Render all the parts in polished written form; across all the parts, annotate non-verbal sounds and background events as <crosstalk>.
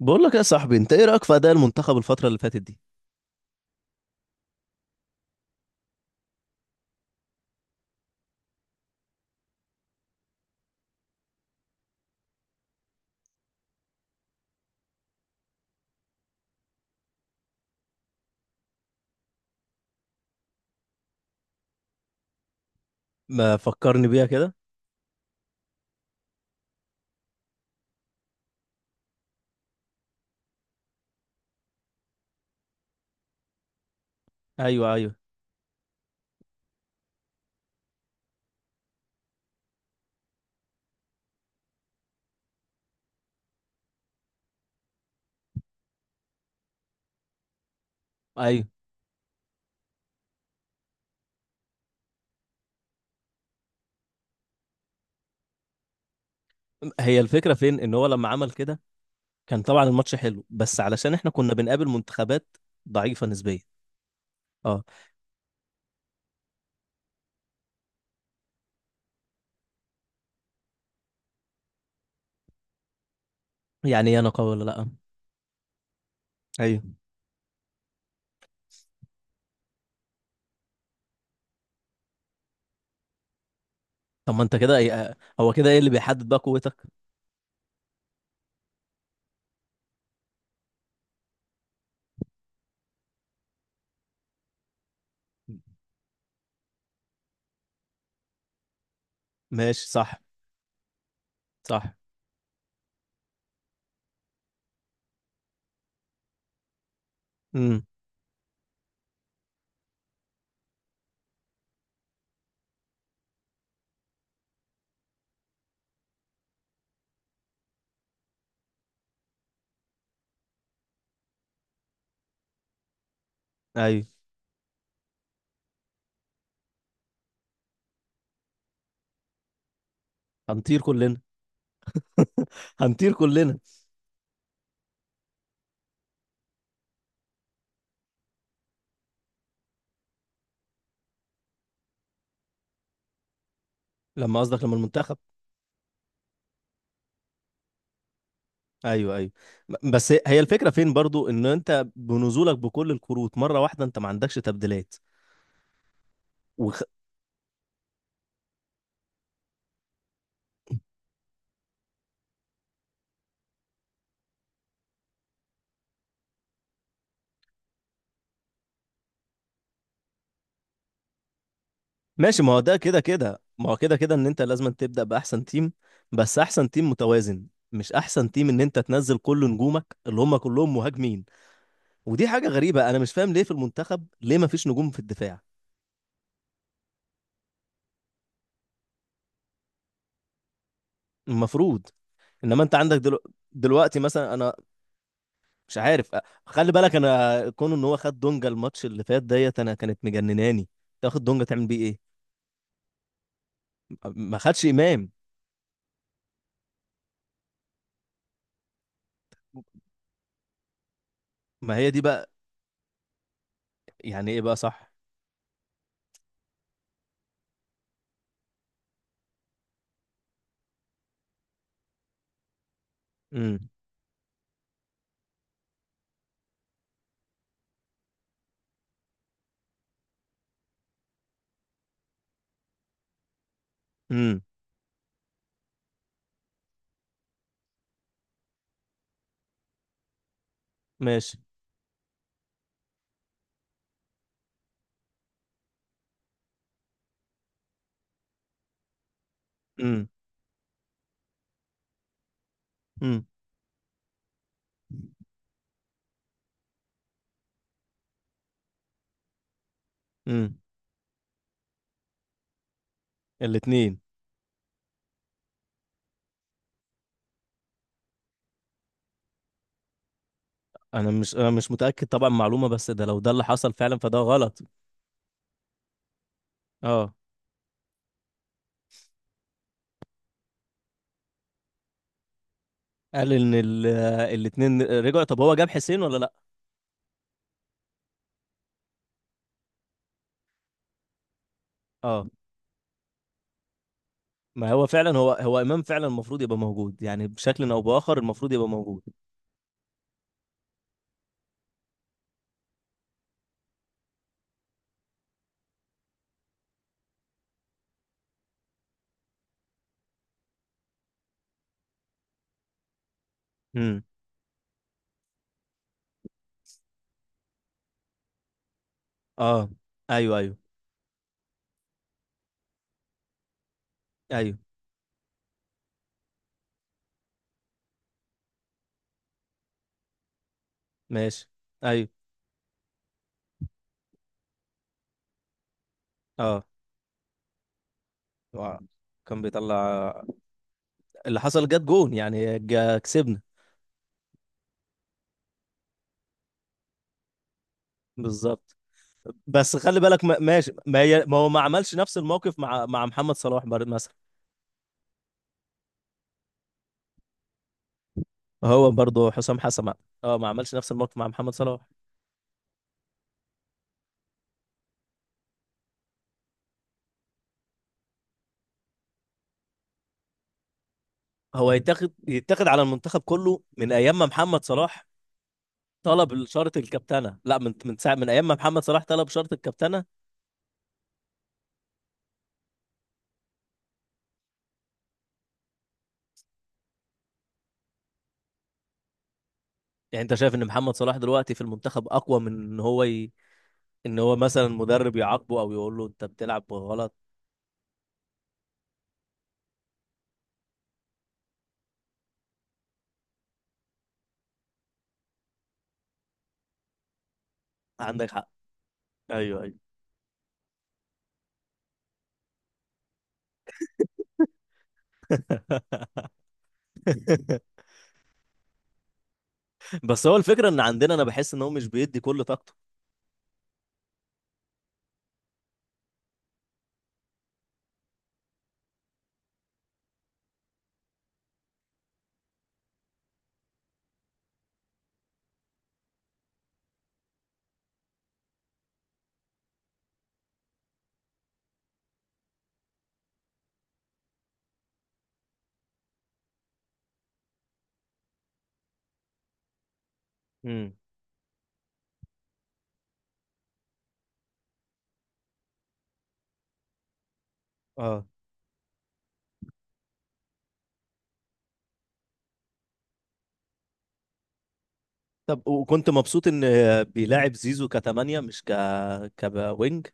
بقول لك يا صاحبي، انت ايه رايك في اداء المنتخب الفتره اللي فاتت دي؟ ما فكرني بيها كده. ايوه، ايوه، ايوه. هي الفكره فين ان هو لما عمل كده؟ كان طبعا الماتش حلو، بس علشان احنا كنا بنقابل منتخبات ضعيفه نسبيا. اه. يعني ايه انا قوي ولا لا؟ ايوه. طب ما انت كده ايه، هو كده ايه اللي بيحدد بقى قوتك؟ ماشي، صح. صح. امم. ايوه. هنطير كلنا. <laughs> هنطير كلنا. لما قصدك لما المنتخب. ايوه، ايوه. بس هي الفكره فين برضو ان انت بنزولك بكل الكروت مره واحده انت ما عندكش تبديلات وخ... ماشي. ما هو ده كده كده ما هو كده كده ان انت لازم تبدا باحسن تيم، بس احسن تيم متوازن، مش احسن تيم ان انت تنزل كل نجومك اللي هم كلهم مهاجمين. ودي حاجه غريبه، انا مش فاهم ليه في المنتخب ليه ما فيش نجوم في الدفاع. المفروض. انما انت عندك دلوقتي مثلا انا مش عارف أ- خلي بالك انا كون ان هو خد دونجا الماتش اللي فات ديت انا كانت مجنناني. تاخد دونجا تعمل بيه ايه؟ ما خدش امام. ما هي دي بقى. يعني ايه بقى صح؟ امم. امم. ماشي. امم، امم، امم. الاثنين. انا مش متاكد طبعا معلومه، بس ده لو ده اللي حصل فعلا فده غلط. اه. قال ان الاثنين رجعوا. طب هو جاب حسين ولا لا؟ اه. ما هو فعلا، هو امام فعلا المفروض يبقى موجود، يعني بشكل او باخر المفروض يبقى موجود. امم. اه. ايوه، ايوه. ايوه. ماشي. ايوه. اه. آه. كان بيطلع. اللي حصل جت جون، يعني كسبنا. بالظبط. بس خلي بالك، ماشي، ما هو ما عملش نفس الموقف مع محمد صلاح، مثلا. هو برضه حسام حسن. اه، ما عملش نفس الموقف مع محمد صلاح. هو يتاخد على المنتخب كله من ايام ما محمد صلاح طلب شرط الكابتنه، لا، من ساعه من ايام ما محمد صلاح طلب شرط الكابتنه. يعني انت شايف ان محمد صلاح دلوقتي في المنتخب اقوى من ان ان هو مثلا مدرب يعاقبه او يقول له انت بتلعب غلط؟ عندك حق. ايوه، ايوه. <laughs> بس هو الفكرة ان عندنا انا بحس ان هو مش بيدي كل طاقته. امم. اه. طب وكنت مبسوط ان بيلاعب زيزو كتمانية مش كوينج؟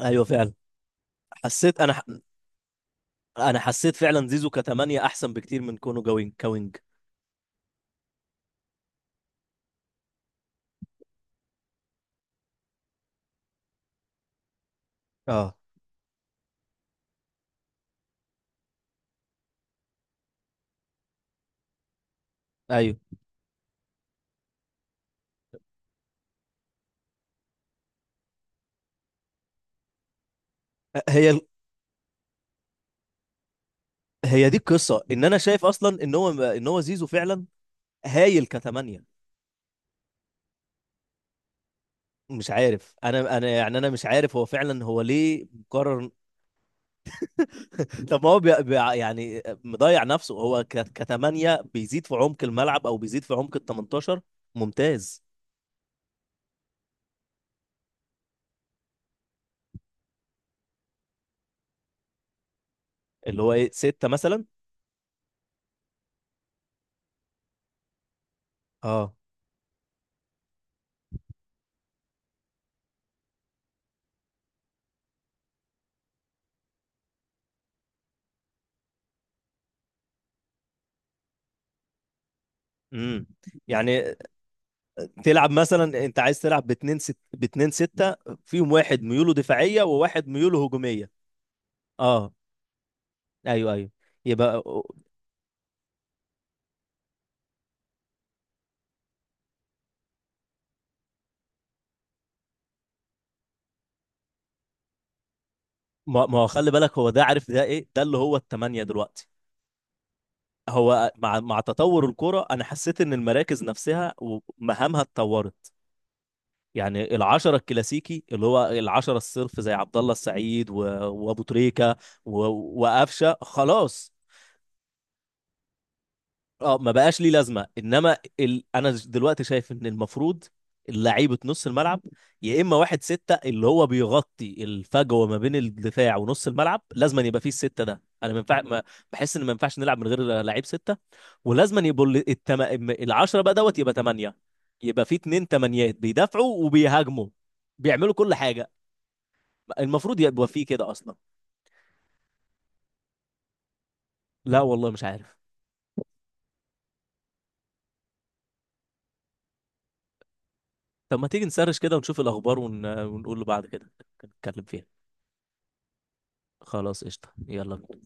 ايوه، فعلا. حسيت انا. انا حسيت فعلا زيزو كتمانية احسن بكتير من كونه جوينج كوينج. اه. ايوه. هي ال- هي دي القصة ان انا شايف اصلا ان هو زيزو فعلا هايل كتمانية. مش عارف، انا انا يعني انا مش عارف هو فعلا هو ليه مقرر. طب ما هو يعني مضيع نفسه هو كتمانية بيزيد في عمق الملعب او بيزيد في عمق ال 18. ممتاز. اللي هو ايه، ستة مثلا؟ اه. امم. يعني تلعب مثلا انت عايز تلعب باتنين ستة فيهم واحد ميوله دفاعية وواحد ميوله هجومية. اه. ايوه، ايوه. يبقى. ما هو خلي بالك هو ده عارف ده ايه، ده اللي هو التمانية دلوقتي. هو مع تطور الكرة انا حسيت ان المراكز نفسها ومهامها اتطورت. يعني العشرة الكلاسيكي اللي هو العشرة الصرف زي عبد الله السعيد وابو تريكة و... وقفشه خلاص. اه، ما بقاش ليه لازمة. انا دلوقتي شايف ان المفروض لعيبة نص الملعب، يا اما واحد ستة اللي هو بيغطي الفجوة ما بين الدفاع ونص الملعب، لازم أن يبقى فيه الستة ده. انا ما ينفع ما- بحس ان ما ينفعش نلعب من غير لعيب ستة. ولازم أن يبقوا العشرة بقى دوت يبقى تمانية، يبقى فيه اتنين تمانيات بيدافعوا وبيهاجموا، بيعملوا كل حاجة. المفروض يبقى فيه كده اصلا. لا والله، مش عارف. طب ما تيجي نسرش كده ونشوف الاخبار ونقول له بعد كده نتكلم فيها. خلاص قشطة، يلا.